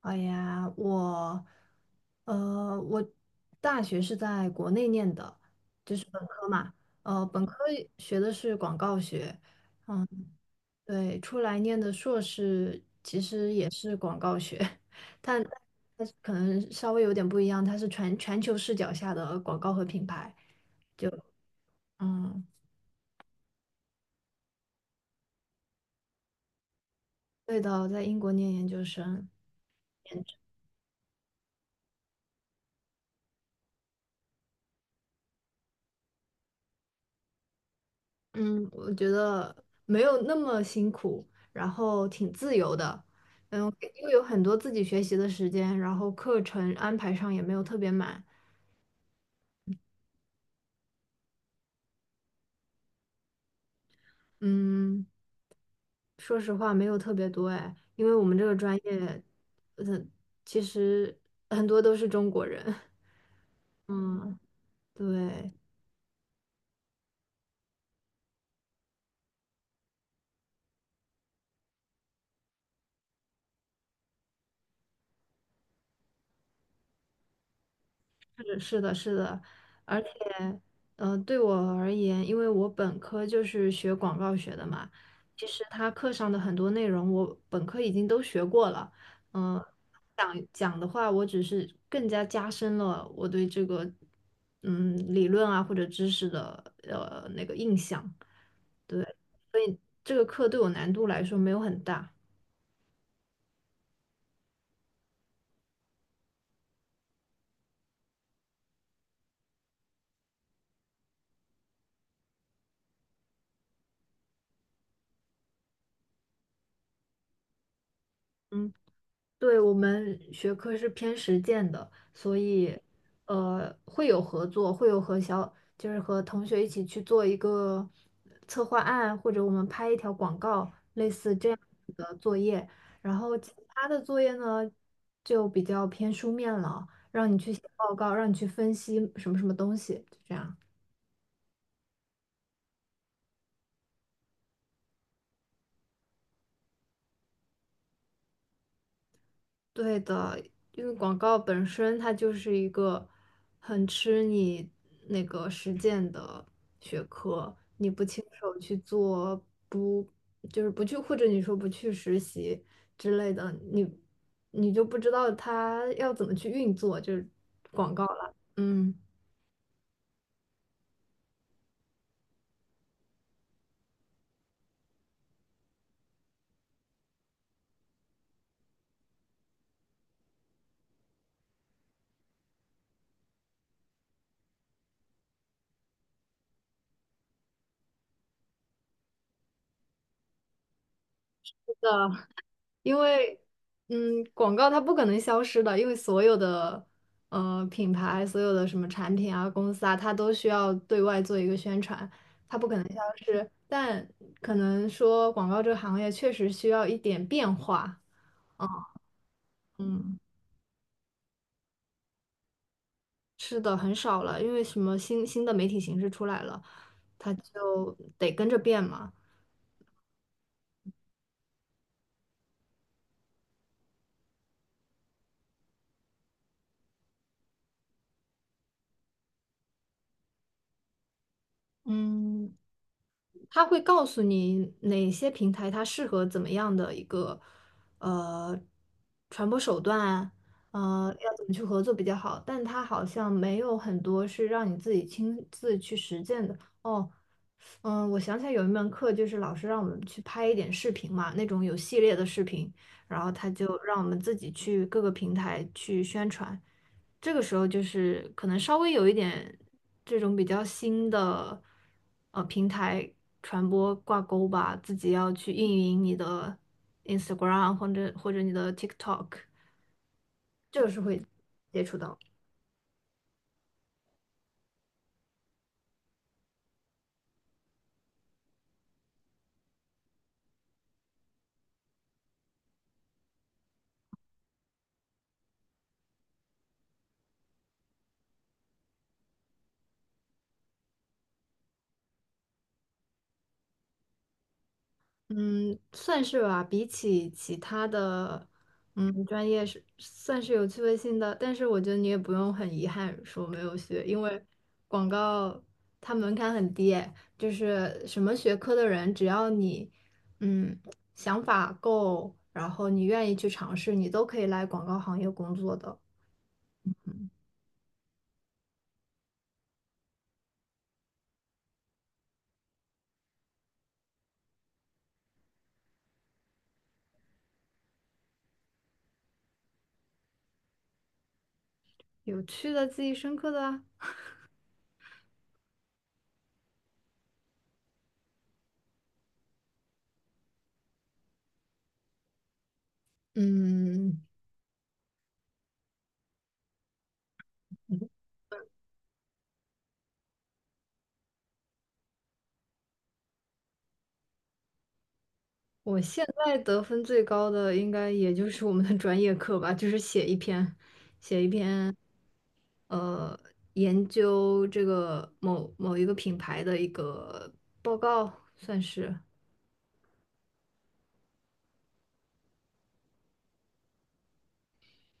哎呀，我，我大学是在国内念的，就是本科嘛，本科学的是广告学。对，出来念的硕士其实也是广告学，但但是可能稍微有点不一样，它是全球视角下的广告和品牌，就嗯，对的，我在英国念研究生。嗯，我觉得没有那么辛苦，然后挺自由的，嗯，又有很多自己学习的时间，然后课程安排上也没有特别满。嗯，说实话没有特别多哎，因为我们这个专业，嗯，其实很多都是中国人，嗯，对。是是的，是的，而且，对我而言，因为我本科就是学广告学的嘛，其实他课上的很多内容，我本科已经都学过了。嗯、讲的话，我只是更加加深了我对这个，嗯，理论啊或者知识的那个印象。对，所以这个课对我难度来说没有很大。嗯。对，我们学科是偏实践的，所以会有合作，会有和小就是和同学一起去做一个策划案，或者我们拍一条广告，类似这样子的作业。然后其他的作业呢，就比较偏书面了，让你去写报告，让你去分析什么什么东西，就这样。对的，因为广告本身它就是一个很吃你那个实践的学科，你不亲手去做，不就是不去，或者你说不去实习之类的，你就不知道它要怎么去运作，就是广告了。嗯，因为嗯，广告它不可能消失的，因为所有的品牌、所有的什么产品啊、公司啊，它都需要对外做一个宣传，它不可能消失。但可能说广告这个行业确实需要一点变化。嗯，嗯是的，很少了，因为什么新的媒体形式出来了，它就得跟着变嘛。嗯，它会告诉你哪些平台它适合怎么样的一个呃传播手段啊，要怎么去合作比较好。但它好像没有很多是让你自己亲自去实践的。哦，嗯，我想起来有一门课，就是老师让我们去拍一点视频嘛，那种有系列的视频，然后他就让我们自己去各个平台去宣传。这个时候就是可能稍微有一点这种比较新的平台传播挂钩吧，自己要去运营你的 Instagram 或者你的 TikTok，这个是会接触到的。嗯，算是吧，比起其他的，嗯，专业是算是有趣味性的，但是我觉得你也不用很遗憾说没有学，因为广告它门槛很低诶，就是什么学科的人，只要你嗯想法够，然后你愿意去尝试，你都可以来广告行业工作的。有趣的、记忆深刻的啊，嗯。我现在得分最高的应该也就是我们的专业课吧，就是写一篇，呃，研究这个某某一个品牌的一个报告，算是，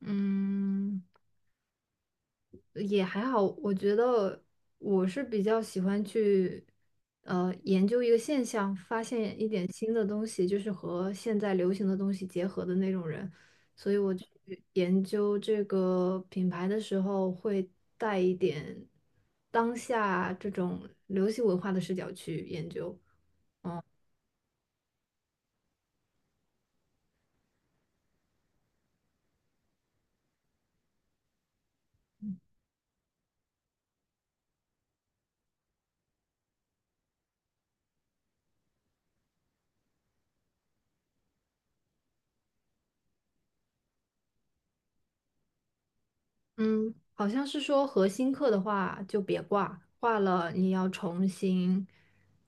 嗯，也还好，我觉得我是比较喜欢去研究一个现象，发现一点新的东西，就是和现在流行的东西结合的那种人。所以我去研究这个品牌的时候，会带一点当下这种流行文化的视角去研究。嗯，好像是说核心课的话就别挂，挂了你要重新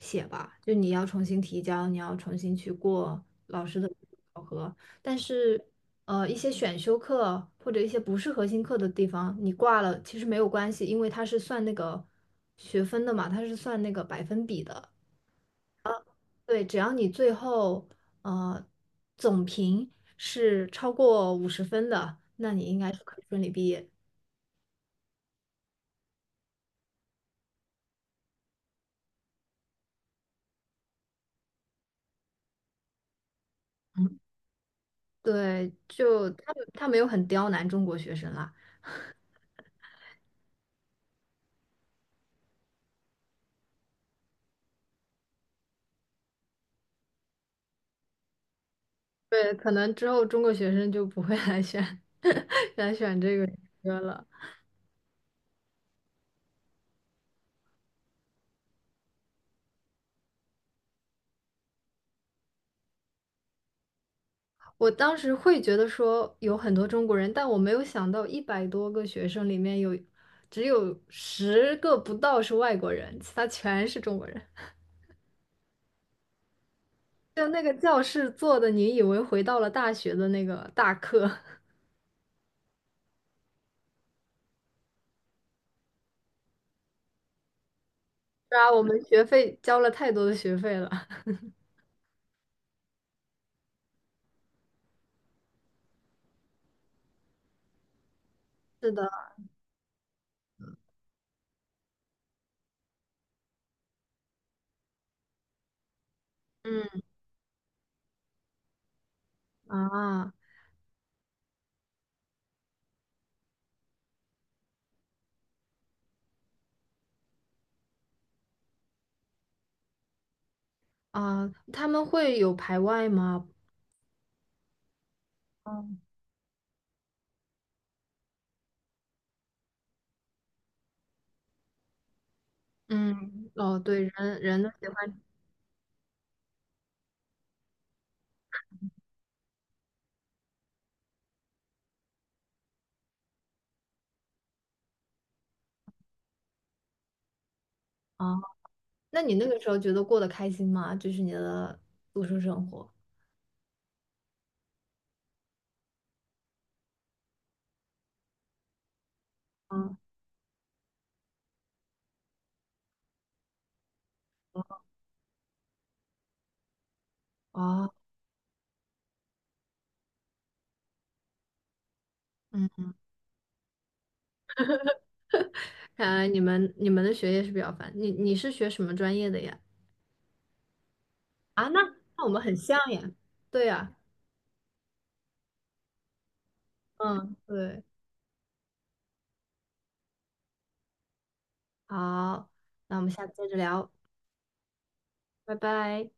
写吧，就你要重新提交，你要重新去过老师的考核。但是，一些选修课或者一些不是核心课的地方，你挂了其实没有关系，因为它是算那个学分的嘛，它是算那个百分比的。对，只要你最后呃总评是超过50分的，那你应该是可以顺利毕业。嗯。对，就他没有很刁难中国学生啦。对，可能之后中国学生就不会来选 来选这个科了。我当时会觉得说有很多中国人，但我没有想到100多个学生里面有只有10个不到是外国人，其他全是中国人。就那个教室坐的，你以为回到了大学的那个大课，是啊，我们学费交了太多的学费了。是的，嗯啊。啊，他们会有排外吗？嗯，嗯，哦，对，人人都喜欢啊。那你那个时候觉得过得开心吗？就是你的读书生活。嗯，哦，嗯，看来你们的学业是比较烦。你是学什么专业的呀？啊，那那我们很像呀。对呀，嗯，对，好，那我们下次接着聊，拜拜。